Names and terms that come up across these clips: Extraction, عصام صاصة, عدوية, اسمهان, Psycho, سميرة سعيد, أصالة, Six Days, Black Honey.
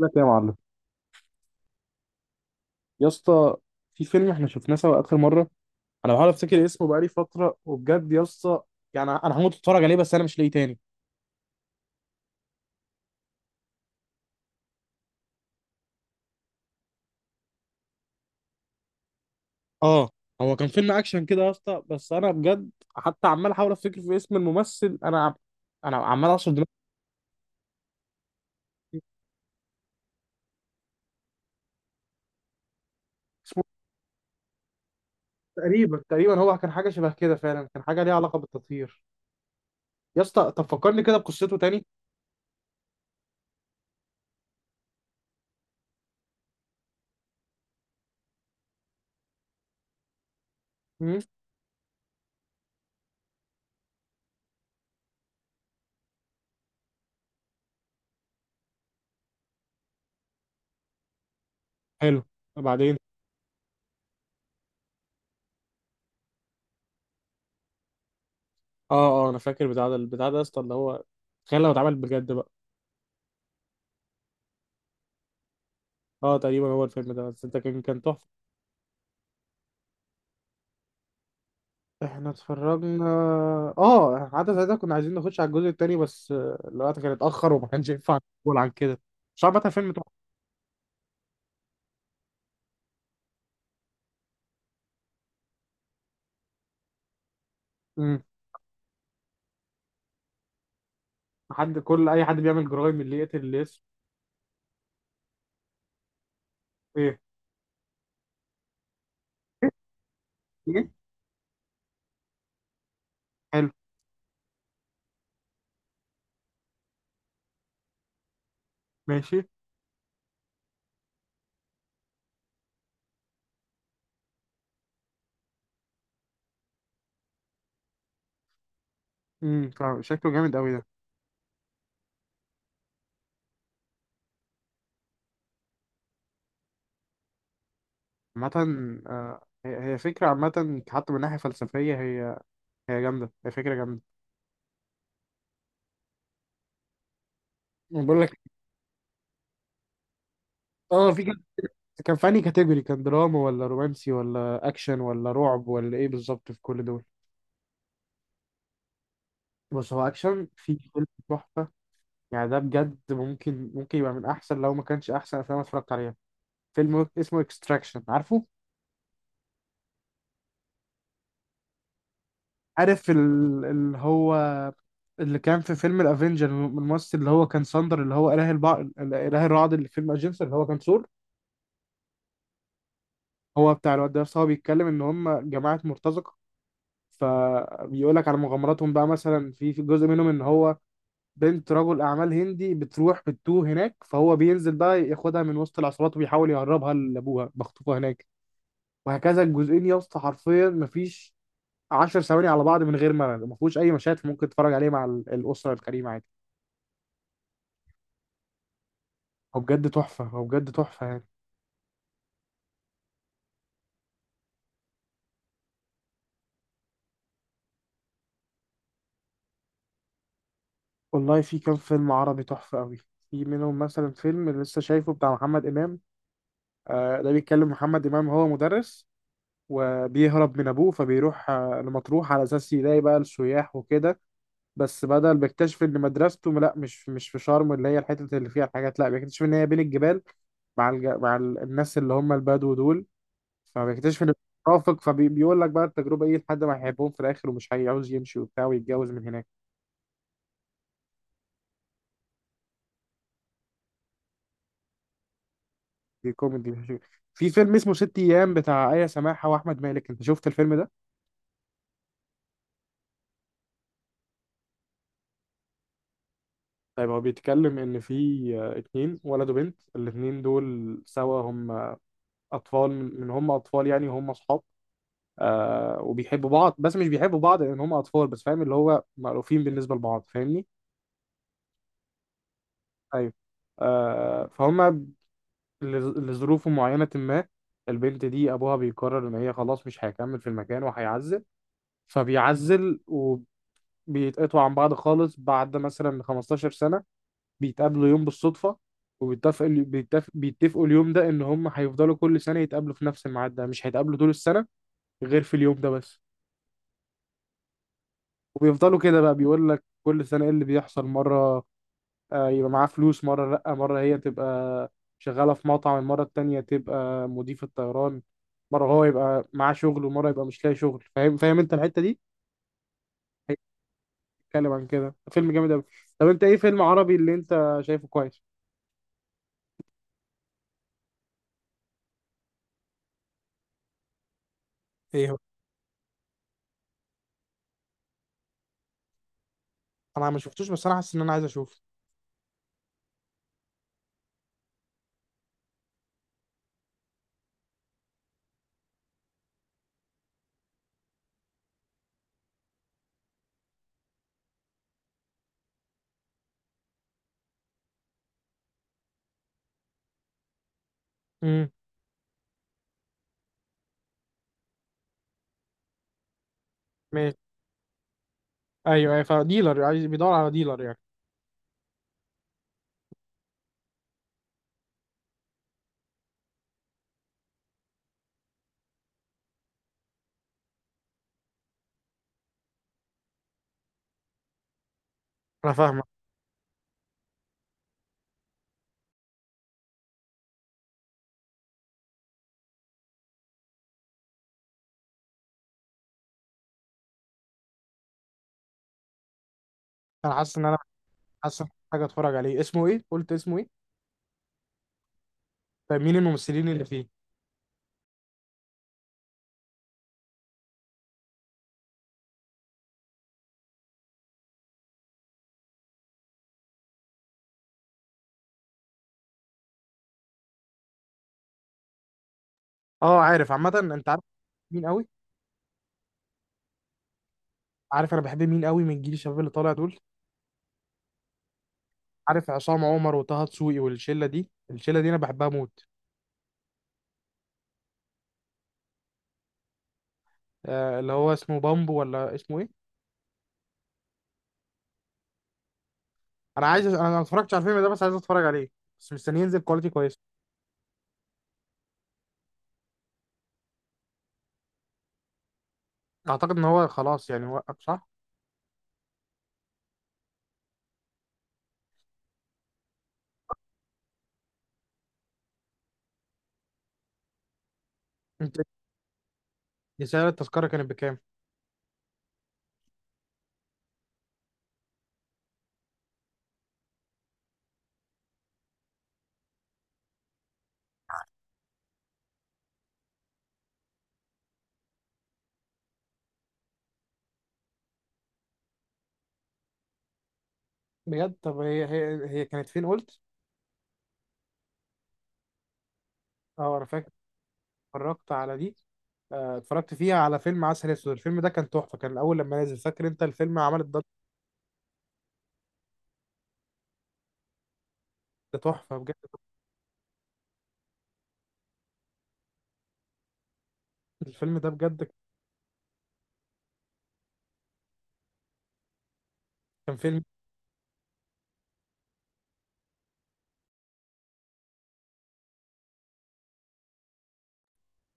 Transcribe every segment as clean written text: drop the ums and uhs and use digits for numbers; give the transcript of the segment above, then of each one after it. لك يا معلم. يا اسطى، في فيلم احنا شفناه سوا اخر مره. انا بحاول افتكر اسمه بقالي فتره، وبجد يا اسطى، يعني انا هموت اتفرج عليه بس انا مش لاقيه تاني. اه. هو كان فيلم اكشن كده يا اسطى، بس انا بجد حتى عمال احاول افتكر في اسم الممثل. انا عمال اعصر دماغي. اسمه؟ تقريبا تقريبا هو كان حاجه شبه كده، فعلا كان حاجه ليها علاقه بالتطهير. يا اسطى، طب فكرني كده بقصته تاني. امم. حلو. بعدين؟ اه. اه، انا فاكر بتاع ده البتاع ده يا اسطى، اللي هو تخيل لو اتعمل بجد بقى. اه، تقريبا هو الفيلم ده، بس انت كان تحفه. احنا اتفرجنا. اه، حتى ساعتها كنا عايزين نخش على الجزء التاني بس الوقت كان اتأخر وما كانش ينفع. نقول عن كده. مش عارف بقى. فيلم تحفة. امم. حد، كل اي حد بيعمل جرايم، اللي يقتل اللي يسرق. ايه؟ ايه؟ حلو. ماشي. امم. شكله جامد قوي ده. عامة، هي فكرة عامة حتى من ناحية فلسفية. هي جامدة، هي فكرة جامدة. أنا بقول لك. اه، في كان كان في انهي كاتيجوري؟ كان دراما ولا رومانسي ولا اكشن ولا رعب ولا ايه بالظبط في كل دول؟ بص هو اكشن، في فيلم تحفة. يعني ده بجد، ممكن يبقى من احسن، لو ما كانش احسن افلام أنا اتفرجت عليها. فيلم اسمه اكستراكشن، عارفه؟ عارف اللي هو اللي كان في فيلم الافنجر، الممثل اللي هو كان ساندر، اللي هو اله الرعد اللي في فيلم اجنسر اللي هو كان ثور. هو بتاع الواد ده، بس هو بيتكلم ان هم جماعه مرتزقه. فبيقول لك على مغامراتهم بقى، مثلا في جزء منهم ان هو بنت رجل اعمال هندي بتروح بتتوه هناك، فهو بينزل بقى ياخدها من وسط العصابات وبيحاول يهربها لابوها بخطوبها هناك. وهكذا الجزئين يا اسطى، حرفيا مفيش 10 ثواني على بعض من غير ملل، ما فيهوش اي مشاهد ممكن تتفرج عليه مع الاسره الكريمه عادي. هو بجد تحفه، هو بجد تحفه يعني. والله في كام فيلم عربي تحفه قوي. في منهم مثلا فيلم اللي لسه شايفه بتاع محمد امام. ده بيتكلم، محمد امام هو مدرس وبيهرب من ابوه، فبيروح لمطروح على اساس يلاقي بقى السياح وكده. بس بدل، بيكتشف ان مدرسته لا مش في شرم، اللي هي الحته اللي فيها الحاجات، لا بيكتشف ان هي بين الجبال مع الناس اللي هم البدو دول. فبيكتشف ان مرافق، فبيقول لك بقى التجربه ايه لحد ما هيحبهم في الاخر ومش هيعوز يمشي وبتاع ويتجوز من هناك. دي كوميدي. في فيلم اسمه ست ايام بتاع آية سماحة واحمد مالك، انت شفت الفيلم ده؟ طيب هو بيتكلم ان في اتنين، ولد وبنت، الاتنين دول سوا هم اطفال، من هم اطفال يعني هم اصحاب. وبيحبوا بعض، بس مش بيحبوا بعض لان هم اطفال بس، فاهم اللي هو مألوفين بالنسبه لبعض، فاهمني؟ ايوه. فهم لظروف معينة، ما البنت دي أبوها بيقرر إن هي خلاص مش هيكمل في المكان وهيعزل. فبيعزل، وبيتقطعوا عن بعض خالص. بعد مثلا 15 سنة بيتقابلوا يوم بالصدفة، وبيتفقوا بيتفق بيتفقوا اليوم ده إن هم هيفضلوا كل سنة يتقابلوا في نفس الميعاد ده، مش هيتقابلوا طول السنة غير في اليوم ده بس. وبيفضلوا كده بقى بيقول لك كل سنة إيه اللي بيحصل. مرة يبقى معاه فلوس، مرة لأ، مرة هي تبقى شغالة في مطعم، المرة التانية تبقى مضيفة طيران، مرة هو يبقى معاه شغل، ومرة يبقى مش لاقي شغل. فاهم؟ فاهم انت الحتة دي؟ هي بتتكلم عن كده. فيلم جامد أوي. طب انت ايه فيلم عربي اللي انت شايفه كويس؟ ايه هو؟ انا ما شفتوش بس انا حاسس ان انا عايز اشوفه. امم. ماشي. ايوه ايوه، فديلر عايز، بيدور على ديلر يعني. انا فاهمك. انا حاسس ان انا حاسس إن أنا محتاج اتفرج عليه. اسمه ايه؟ قلت اسمه ايه؟ طيب مين الممثلين اللي فيه؟ اه عارف، عامه انت عارف. مين قوي؟ عارف انا بحب مين قوي من الجيل الشباب اللي طالع دول؟ عارف، عصام عمر وطه دسوقي، والشله دي الشله دي انا بحبها موت. اللي هو اسمه بامبو ولا اسمه ايه؟ انا ما اتفرجتش على الفيلم ده بس عايز اتفرج عليه، بس مستني ينزل كواليتي كويس. اعتقد ان هو خلاص يعني وقف، صح؟ انت سعر التذكره كانت بكام؟ بجد؟ طب هي كانت فين قلت؟ اه، انا فاكر، اتفرجت على دي. اتفرجت فيها على فيلم عسل اسود. الفيلم ده كان تحفه، كان الاول لما نزل، فاكر انت الفيلم عمل الضجه؟ تحفه بجد. الفيلم ده بجد كان فيلم.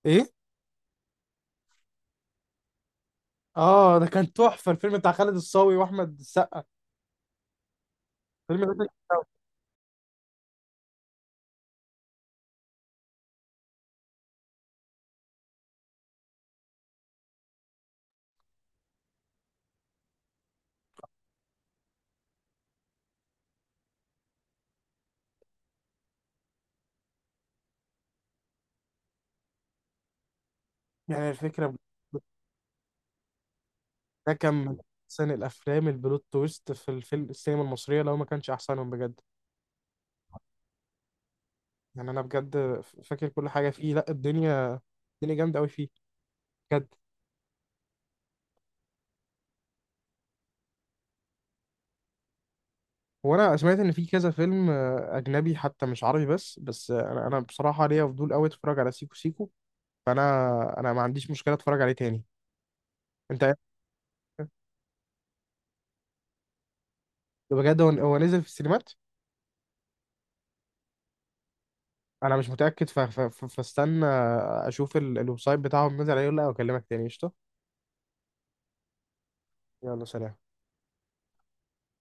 ايه؟ اه، ده كان تحفه، الفيلم بتاع خالد الصاوي واحمد السقا. فيلم ده كان تحفة. يعني الفكره ده كان من احسن الافلام، البلوت تويست في السينما المصريه لو ما كانش احسنهم بجد. يعني انا بجد فاكر كل حاجه فيه. لا الدنيا، الدنيا جامده قوي فيه بجد. وانا سمعت ان في كذا فيلم اجنبي حتى، مش عربي، بس انا بصراحه ليا فضول قوي اتفرج على سيكو سيكو. فانا، انا ما عنديش مشكله اتفرج عليه تاني. انت بجد؟ هو نزل في السينمات؟ انا مش متاكد، فاستنى، اشوف الويب سايت بتاعهم نزل عليه ولا لا، واكلمك تاني. قشطه. يلا، سلام.